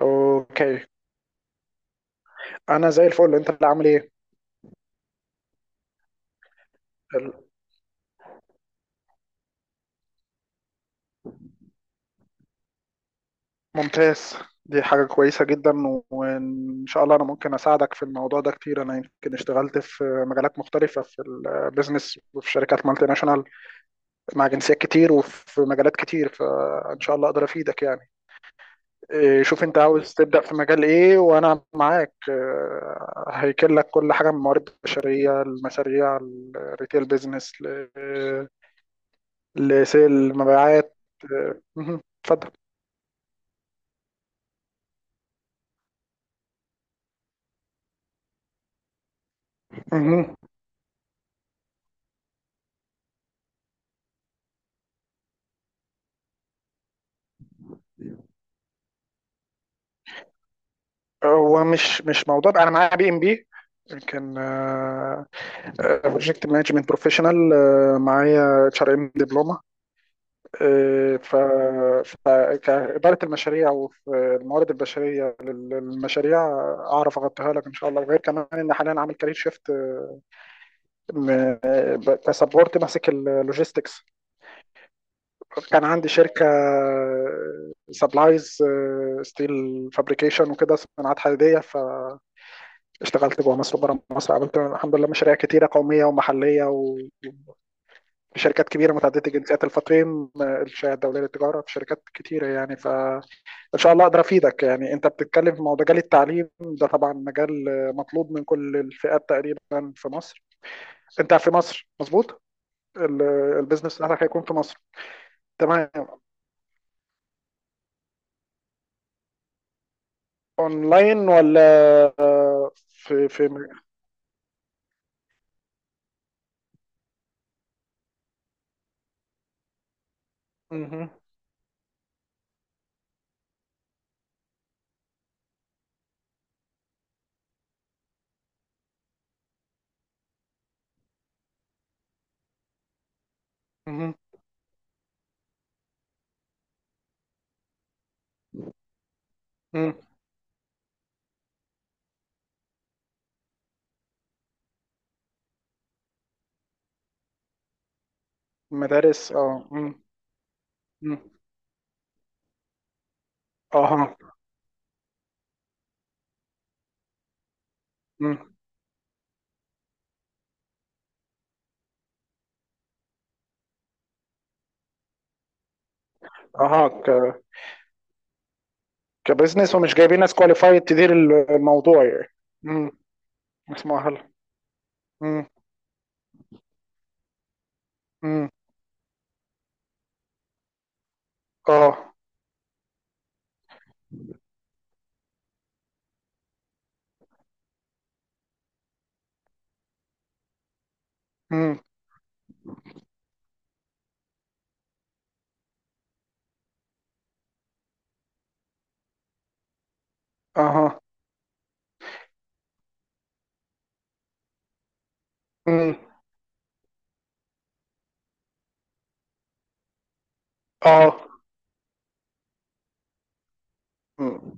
اوكي. انا زي الفل، انت اللي عامل ايه؟ ممتاز. دي حاجة كويسة جدا، وان شاء الله انا ممكن اساعدك في الموضوع ده كتير. انا يمكن اشتغلت في مجالات مختلفة في البيزنس وفي شركات مالتي ناشونال مع جنسيات كتير وفي مجالات كتير، فان شاء الله اقدر افيدك يعني إيه، شوف انت عاوز تبدأ في مجال ايه، وانا معاك هيكل لك كل حاجة: من الموارد البشرية، المشاريع، الريتيل بيزنس، لسيل المبيعات. مهم. اتفضل. مهم. هو مش موضوع، انا معايا بي ام بي، كان بروجكت مانجمنت بروفيشنال، معايا اتش ار ام دبلومه. آه، ف ف- كاداره المشاريع والموارد البشريه للمشاريع، اعرف اغطيها لك ان شاء الله. وغير كمان ان حاليا عامل كارير شيفت كسبورت ماسك اللوجيستكس. كان عندي شركه سبلايز ستيل فابريكيشن وكده، صناعات حديديه. ف اشتغلت جوه مصر وبره مصر، عملت الحمد لله مشاريع كتيره قوميه ومحليه وشركات كبيره متعدده الجنسيات، الفطيم، الشهاده الدوليه للتجاره، في شركات كتيره يعني. فان شاء الله اقدر افيدك. يعني انت بتتكلم في مجال التعليم، ده طبعا مجال مطلوب من كل الفئات تقريبا في مصر. انت في مصر، مظبوط؟ ال- البيزنس بتاعتك هيكون في مصر. تمام. اونلاين ولا؟ في في م- مهم. مهم. مهم. مدارس، اه، مم. مم. اها. مم. اها، كبزنس، ومش جايبين ناس كواليفايد تدير الموضوع يعني. امم. مش مؤهل. امم. امم. اه. امم. اها. امم. اه. امم.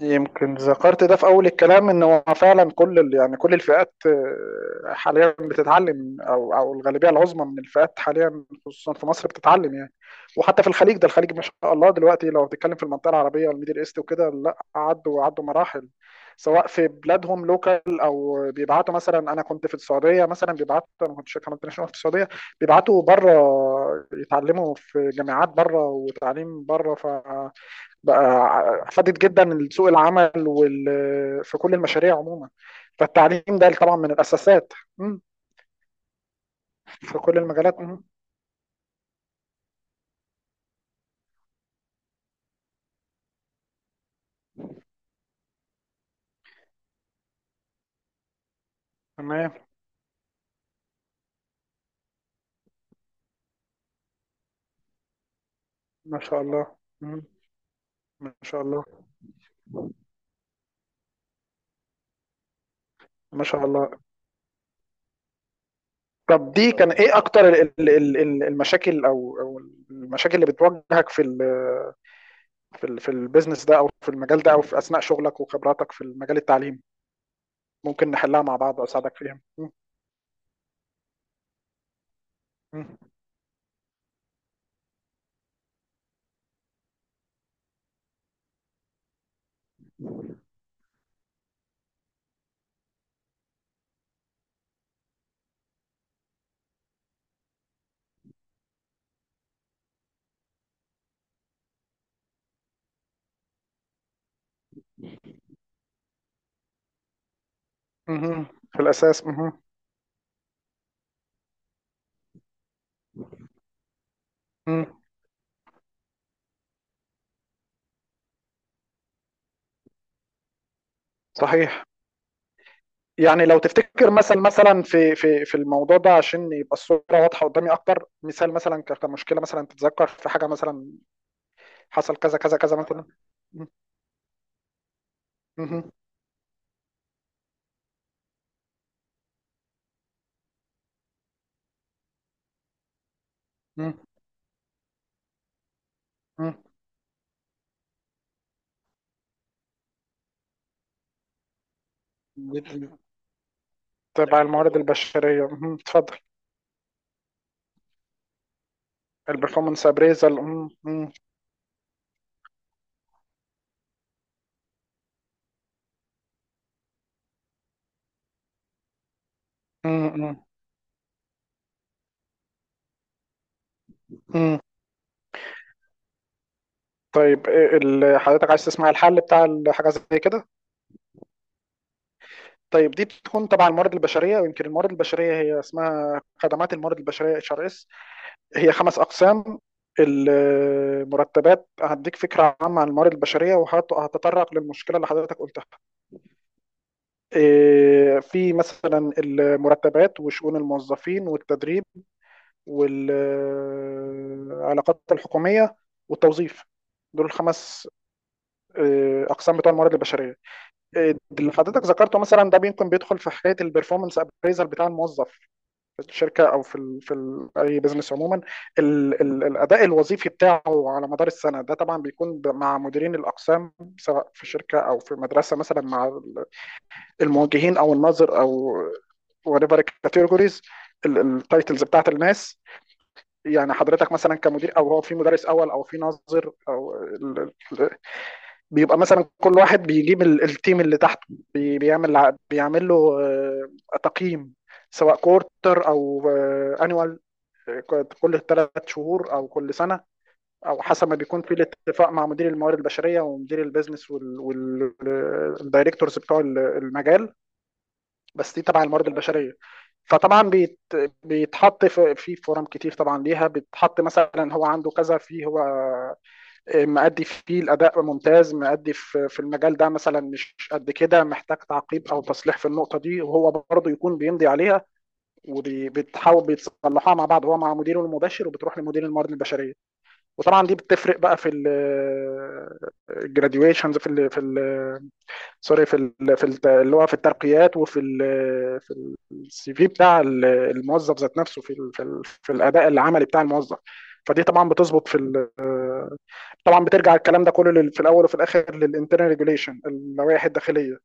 يمكن ذكرت ده في اول الكلام، ان هو فعلا كل يعني كل الفئات حاليا بتتعلم، او الغالبيه العظمى من الفئات حاليا خصوصا في مصر بتتعلم يعني. وحتى في الخليج، ده الخليج ما شاء الله دلوقتي، لو بتتكلم في المنطقه العربيه والميدل ايست وكده، لا، عدوا عدوا مراحل. سواء في بلادهم لوكال، او بيبعتوا، مثلا انا كنت في السعوديه، مثلا بيبعتوا، انا كنت شركه مالتي ناشونال في السعوديه، بيبعتوا بره يتعلموا في جامعات بره وتعليم بره بقى. فادت جدا سوق العمل وال... في كل المشاريع عموما. فالتعليم ده طبعا من الأساسات. مم. في كل المجالات. مم. تمام. ما شاء الله. مم. ما شاء الله. ما شاء الله. طب دي كان ايه اكتر المشاكل، او المشاكل اللي بتواجهك في ال في ال في البيزنس ده، او في المجال ده، او في اثناء شغلك وخبراتك في المجال التعليمي؟ ممكن نحلها مع بعض واساعدك فيها. مم. مم. مم. في الاساس. مم. مم. صحيح. يعني لو تفتكر مثلا في في الموضوع ده، عشان يبقى الصوره واضحه قدامي اكتر، مثال مثلا كمشكله مثلا، تتذكر في حاجه مثلا حصل كذا كذا كذا مثلا؟ م- م- م- م- م- تبع الموارد البشريه. اتفضل. البرفورمانس ابريزل. طيب، إيه حضرتك عايز تسمع الحل بتاع الحاجه زي كده؟ طيب، دي بتكون تبع الموارد البشريه. ويمكن الموارد البشريه هي اسمها خدمات الموارد البشريه، اتش ار اس. هي 5 اقسام. المرتبات، هديك فكره عامه عن الموارد البشريه وهتطرق للمشكله اللي حضرتك قلتها. في مثلا المرتبات، وشؤون الموظفين، والتدريب، والعلاقات الحكوميه، والتوظيف. دول الخمس اقسام بتوع الموارد البشريه. اللي حضرتك ذكرته مثلا ده ممكن بيدخل في حكايه البرفورمانس ابريزل بتاع الموظف في الشركه، او في ال في ال اي بزنس عموما. ال ال الاداء الوظيفي بتاعه على مدار السنه، ده طبعا بيكون مع مديرين الاقسام، سواء في شركه او في مدرسه، مثلا مع الموجهين او الناظر او whatever categories، التايتلز بتاعت الناس. يعني حضرتك مثلا كمدير، او هو في مدرس اول، او في ناظر، او ال- بيبقى مثلا كل واحد بيجيب التيم اللي تحته، بيعمل له تقييم، سواء كورتر او انيوال، كل 3 شهور او كل سنه، او حسب ما بيكون في الاتفاق مع مدير الموارد البشريه ومدير البيزنس والدايركتورز بتوع المجال. بس دي تبع الموارد البشريه. فطبعا بيتحط في في فورم كتير طبعا ليها، بيتحط مثلا هو عنده كذا، في هو مأدي فيه، الأداء ممتاز، مأدي في في المجال ده، مثلا مش قد كده، محتاج تعقيب أو تصليح في النقطة دي، وهو برضه يكون بيمضي عليها، وبيتحاول بيتصلحوها مع بعض، هو مع مديره المباشر، وبتروح لمدير الموارد البشريه. وطبعا دي بتفرق بقى في الجراديويشنز، في ال في ال سوري، في ال في ال اللي هو في الترقيات، وفي في السي في بتاع الموظف ذات نفسه، في ال في, ال في الاداء العملي بتاع الموظف. فدي طبعا بتظبط في ال... طبعا بترجع الكلام ده كله لل... في الاول وفي الاخر للانترنال ريجوليشن، اللوائح الداخليه.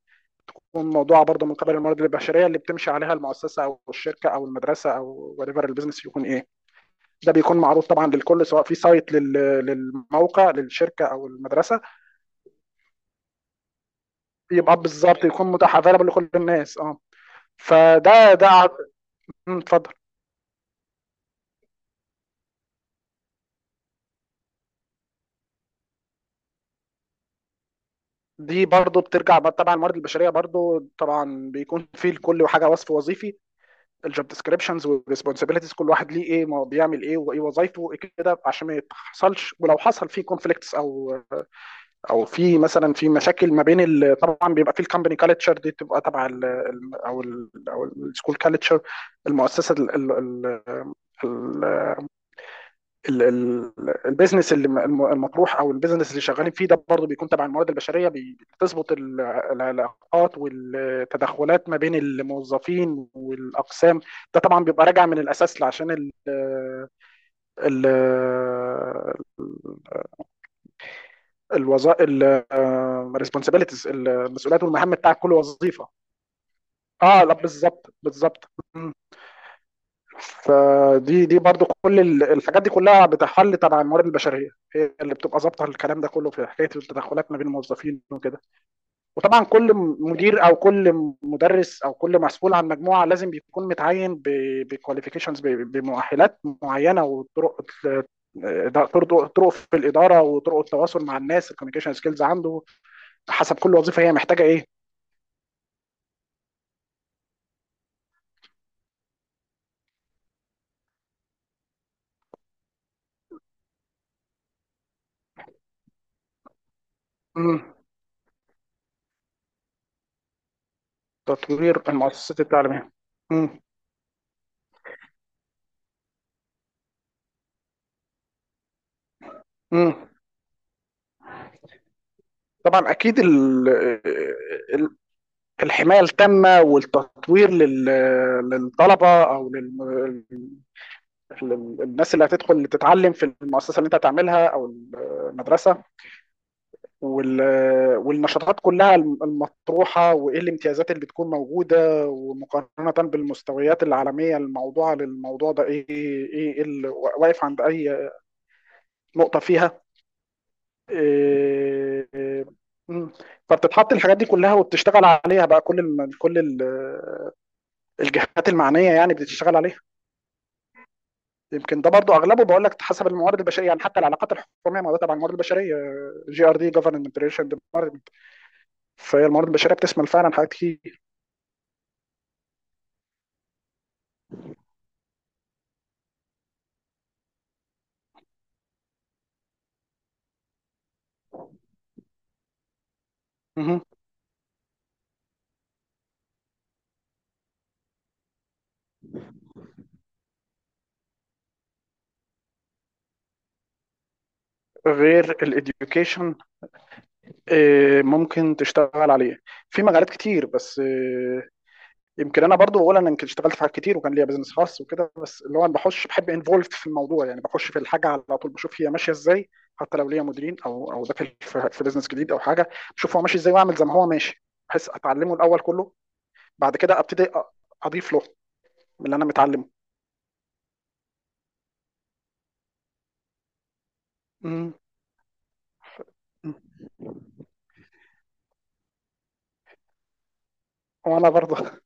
والموضوع برضه من قبل الموارد البشريه اللي بتمشي عليها المؤسسه او الشركه او المدرسه، او وريفر البيزنس يكون ايه. ده بيكون معروض طبعا للكل، سواء في سايت للموقع للشركه او المدرسه. يبقى بالظبط يكون متاح افيلبل لكل الناس، اه. فده ده ع- مم، اتفضل. دي برضو بترجع بقى طبعا الموارد البشريه، برضو طبعا بيكون فيه لكل حاجه وصف وظيفي، الجوب ديسكريبشنز والريسبونسابيلتيز، كل واحد ليه ايه، ما هو بيعمل ايه، وايه وظايفه، وايه كده، عشان ما يحصلش. ولو حصل فيه كونفليكتس، او او في مثلا في مشاكل ما بين طبعا بيبقى في الكومباني كالتشر، دي بتبقى تبع ال ال- او ال او السكول كالتشر. المؤسسه ال- البيزنس المطروح، او البيزنس اللي شغالين فيه، ده برضه بيكون تبع الموارد البشريه. بتظبط العلاقات والتدخلات ما بين الموظفين والاقسام. ده طبعا بيبقى راجع من الاساس، عشان ال ال الوظائف، الريسبونسابيلتيز، المسؤوليات والمهام بتاع كل وظيفه. اه، لا، بالظبط. مم. فدي، دي برضو كل الحاجات دي كلها بتحل تبع الموارد البشريه، هي اللي بتبقى ظابطه الكلام ده كله في حكايه التدخلات ما بين الموظفين وكده. وطبعا كل مدير، او كل مدرس، او كل مسؤول عن مجموعه، لازم بيكون متعين بكواليفيكيشنز، بمؤهلات معينه، وطرق ال- ده طرق طرق في الاداره، وطرق التواصل مع الناس، الكوميونيكيشن سكيلز عنده، حسب كل وظيفه هي محتاجه ايه. مم. تطوير المؤسسات التعليميه. مم. مم. طبعا اكيد ال- الحمايه التامه والتطوير للطلبه، او للناس اللي هتدخل تتعلم في المؤسسه اللي انت هتعملها، او المدرسه. والنشاطات كلها المطروحه، وايه الامتيازات اللي بتكون موجوده، ومقارنه بالمستويات العالميه الموضوعه للموضوع ده ايه ايه، إيه اللي واقف عند اي نقطه فيها. إيه، مم. فبتتحط الحاجات دي كلها وبتشتغل عليها بقى كل الم... كل الجهات المعنيه يعني بتشتغل عليها. يمكن ده برضو اغلبه بقول لك حسب الموارد البشريه، يعني حتى العلاقات الحكوميه، ما هو ده تبع الموارد البشريه، جي ار دي، جفرمنت ريليشن ديبارتمنت. فهي الموارد البشريه بتشمل فعلا حاجات كتير. مهم. غير الاديوكيشن ممكن تشتغل عليه في مجالات كتير، بس يمكن انا برضو بقول انا يمكن اشتغلت في حاجات كتير وكان ليا بزنس خاص وكده، بس اللي هو انا بخش، بحب انفولف في الموضوع، يعني بخش في الحاجه على طول، بشوف هي ماشيه ازاي، حتى لو ليا مديرين او ده في في بزنس جديد او حاجه. بشوف هو ماشي ازاي واعمل زي ما هو ماشي، بحيث اتعلمه الاول كله، بعد كده ابتدي اضيف له من اللي انا متعلمه. مم. وانا برضه،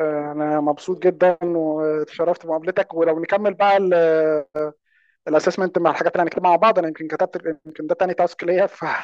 انا مبسوط جدا واتشرفت بمقابلتك. ولو نكمل بقى الاسسمنت مع الحاجات اللي هنكتبها مع بعض، انا يمكن كتبت، يمكن ده تاني تاسك ليا ف